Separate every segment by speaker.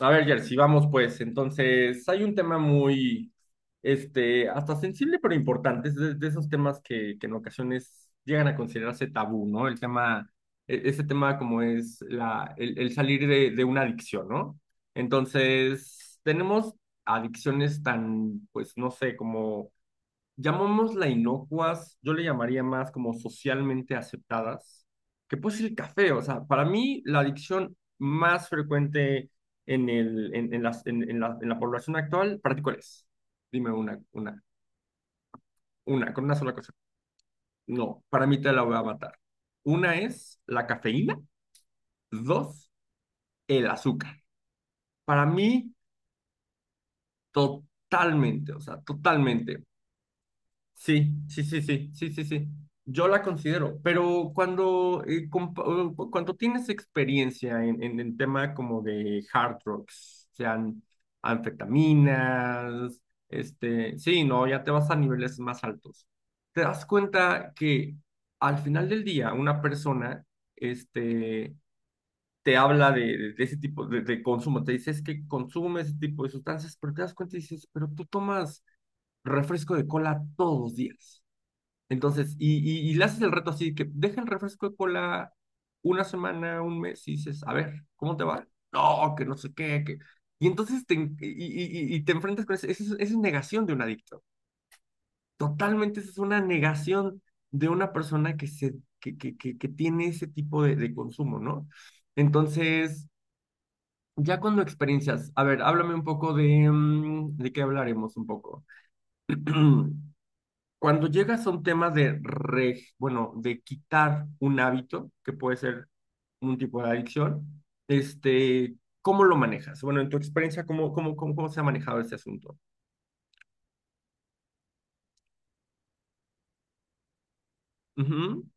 Speaker 1: A ver, Jersey, vamos pues. Entonces, hay un tema muy, hasta sensible, pero importante. Es de esos temas que en ocasiones llegan a considerarse tabú, ¿no? El tema, ese tema como es el salir de una adicción, ¿no? Entonces, tenemos adicciones tan, pues, no sé, como llamémosla inocuas, yo le llamaría más como socialmente aceptadas, que puede ser el café. O sea, para mí la adicción más frecuente en, el, en las, en la población actual, ¿para ti cuál es? Dime una, con una sola cosa. No, para mí te la voy a matar. Una es la cafeína, dos, el azúcar. Para mí, totalmente, o sea, totalmente. Sí, sí, sí, sí, sí, sí, sí. Yo la considero, pero cuando, cuando tienes experiencia en el tema como de hard drugs, sean anfetaminas, sí, no, ya te vas a niveles más altos. Te das cuenta que al final del día una persona, este, te habla de, de ese tipo de consumo, te dice es que consume ese tipo de sustancias, pero te das cuenta y dices, pero tú tomas refresco de cola todos los días. Entonces, y le haces el reto así, que deja el refresco de cola una semana, un mes, y dices, a ver, ¿cómo te va? No, que no sé qué, que. Y entonces te, en- y te enfrentas con eso. Esa es negación de un adicto. Totalmente, esa es una negación de una persona que, se, que tiene ese tipo de consumo, ¿no? Entonces, ya cuando experiencias, a ver, háblame un poco de, ¿de qué hablaremos un poco? Cuando llegas a un tema de, bueno, de quitar un hábito, que puede ser un tipo de adicción, este, ¿cómo lo manejas? Bueno, en tu experiencia, ¿cómo se ha manejado este asunto? Ujú.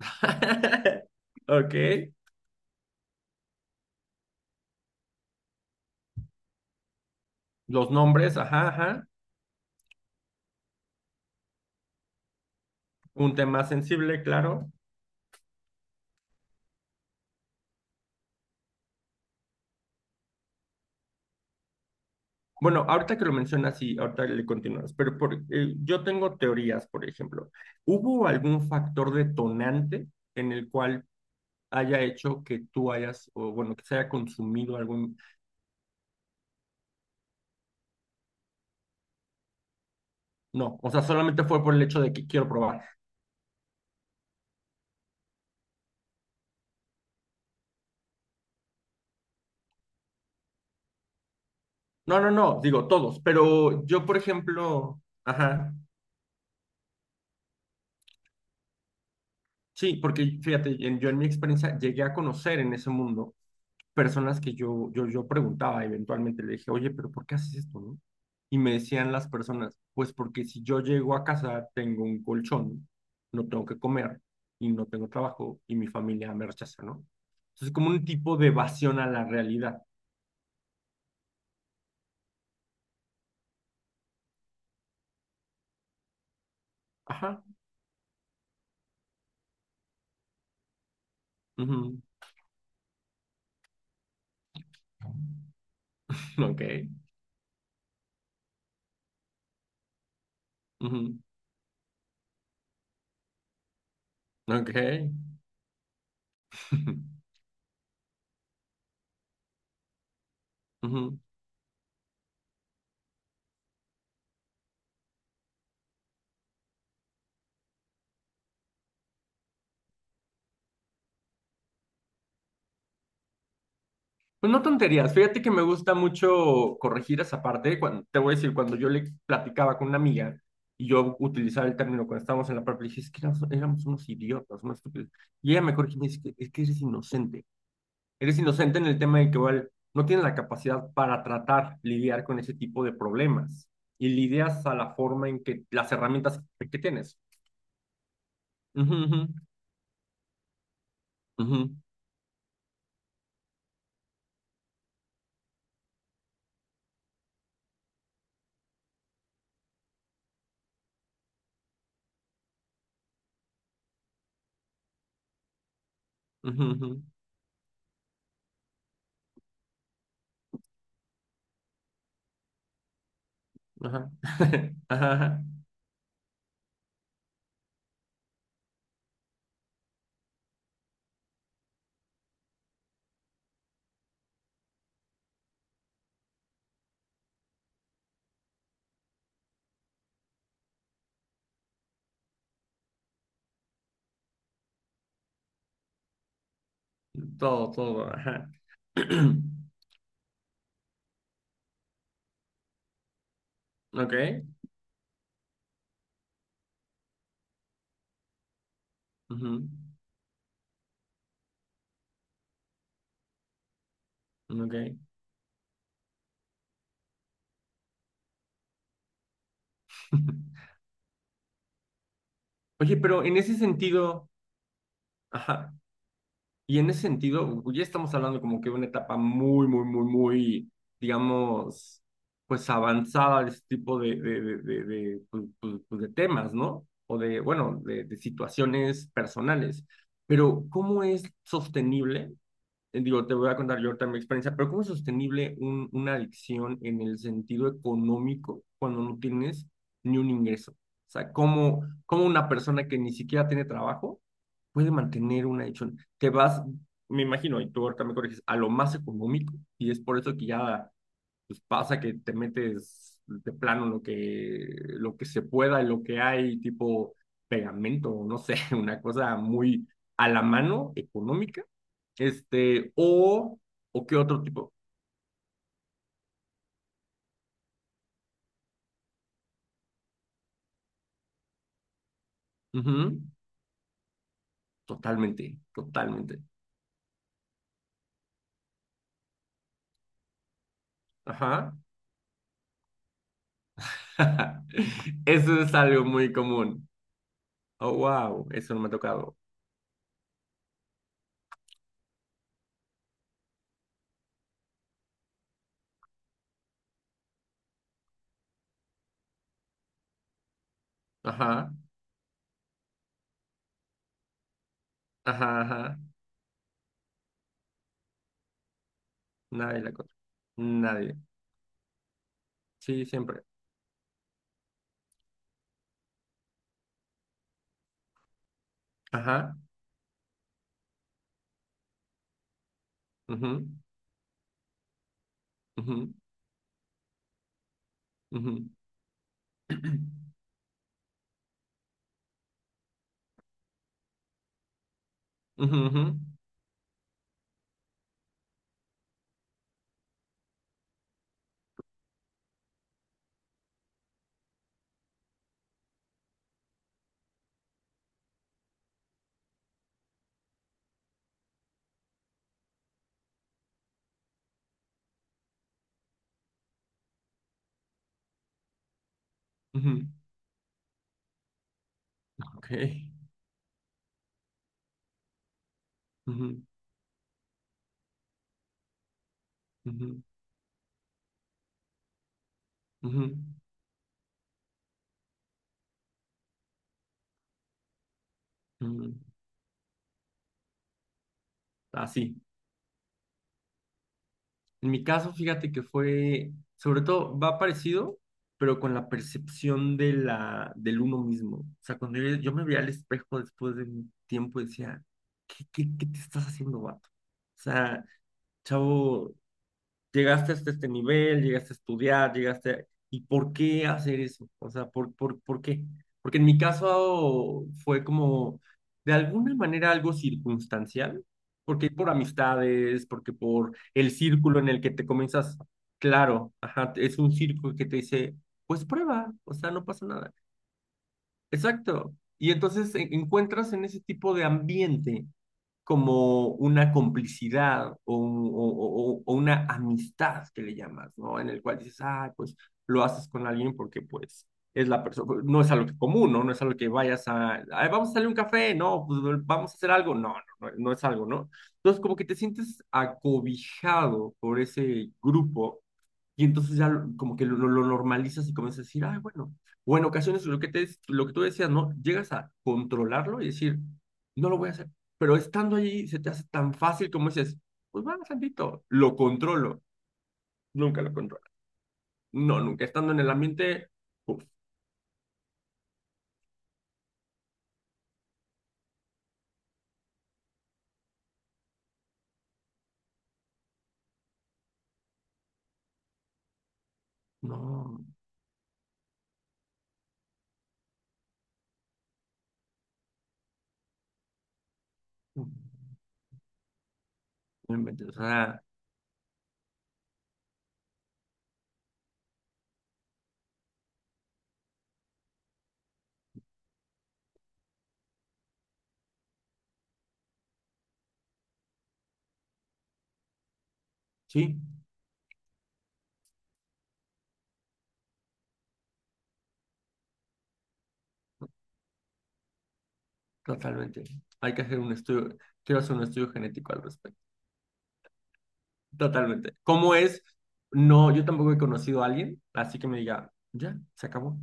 Speaker 1: Ok, los nombres, ajá, ajá. Un tema sensible, claro. Bueno, ahorita que lo mencionas, sí, ahorita le continúas, pero yo tengo teorías, por ejemplo. ¿Hubo algún factor detonante en el cual haya hecho que tú hayas, o bueno, que se haya consumido algo. No, o sea, solamente fue por el hecho de que quiero probar. No, no, no, digo todos, pero yo, por ejemplo, ajá, sí, porque fíjate, yo en mi experiencia llegué a conocer en ese mundo personas que yo preguntaba eventualmente, le dije, oye, pero ¿por qué haces esto, no? Y me decían las personas, pues porque si yo llego a casa tengo un colchón, no tengo que comer y no tengo trabajo y mi familia me rechaza, ¿no? Entonces como un tipo de evasión a la realidad. Ajá. Ujú. Ok. Ujú. Ok. Ujú. Pues no tonterías, fíjate que me gusta mucho corregir esa parte. Te voy a decir, cuando yo le platicaba con una amiga y yo utilizaba el término cuando estábamos en la prepa, le dije, es que éramos unos idiotas, unos estúpidos. Y ella me corrigió y me dice, es que eres inocente. Eres inocente en el tema de que igual no tienes la capacidad para tratar, lidiar con ese tipo de problemas. Y lidias a la forma en que las herramientas que tienes. Ujú, ujú, ujú, ujú, ujú, ajá. Ajá, ajá. Todo, todo, ajá. Ok. Ujú. Ok. Oye, pero en ese sentido, ajá, y en ese sentido, u- ya estamos hablando como que de una etapa muy, muy, muy, muy, digamos, pues avanzada de este tipo de de temas, ¿no? O de, bueno, de situaciones personales. Pero, ¿cómo es sostenible? Digo, te voy a contar yo ahorita mi experiencia, pero ¿cómo es sostenible una adicción en el sentido económico cuando no tienes ni un ingreso? O sea, ¿cómo una persona que ni siquiera tiene trabajo puede mantener una adicción? Te vas, me imagino, y tú ahorita me corriges, a lo más económico, y es por eso que ya pues pasa que te metes de plano lo que se pueda, lo que hay, tipo pegamento, no sé, una cosa muy a la mano, económica, este, o, o qué otro tipo. Ujú. Totalmente, totalmente. Ajá. Eso es algo muy común. Oh, wow, eso no me ha tocado. Ajá, ajá, ajá. Nadie la cosa. Nadie. Sí, siempre. Ajá. Ujú, ujú, ujú. Ujú, ujú, ujú. Ok. Ujú, ujú, ujú, ujú. Así. En mi caso, fíjate que fue, sobre todo, va parecido, pero con la percepción de la, del uno mismo. O sea, cuando yo me veía al espejo después de un tiempo, decía, ¿qué te estás haciendo, vato? O sea, chavo, llegaste hasta este nivel, llegaste a estudiar, ¿Y por qué hacer eso? O sea, ¿por qué? Porque en mi caso fue como, de alguna manera, algo circunstancial, porque por amistades, porque por el círculo en el que te comienzas, claro, ajá, es un círculo que te dice, pues prueba, o sea, no pasa nada. Exacto. Y entonces encuentras en ese tipo de ambiente como una complicidad o, un- o una amistad que le llamas, ¿no? En el cual dices, ah, pues lo haces con alguien porque pues es la persona, no es algo que común, ¿no? No es algo que vayas a, "Ay, vamos a salir a un café, no, pues vamos a hacer algo, no, no, no, no es algo", ¿no? Entonces como que te sientes acobijado por ese grupo y entonces ya lo- como que lo normalizas y comienzas a decir, ay, bueno, o en ocasiones lo que te, lo que tú decías, ¿no? Llegas a controlarlo y decir, no lo voy a hacer, pero estando allí se te hace tan fácil como dices, pues va, tantito, lo controlo, nunca lo controlo. No, nunca estando en el ambiente, uf, no, no inventes, o sea, sí, totalmente. Hay que hacer un estudio, quiero hacer un estudio genético al respecto, totalmente. ¿Cómo es? No, yo tampoco he conocido a alguien, así que me diga, ya, se acabó.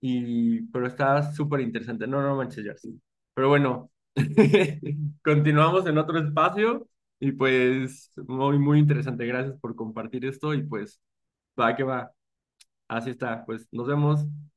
Speaker 1: Y, pero está súper interesante. No, no manches, Jersey. Pero bueno, continuamos en otro espacio y pues muy, muy interesante. Gracias por compartir esto y pues va que va. Así está. Pues nos vemos.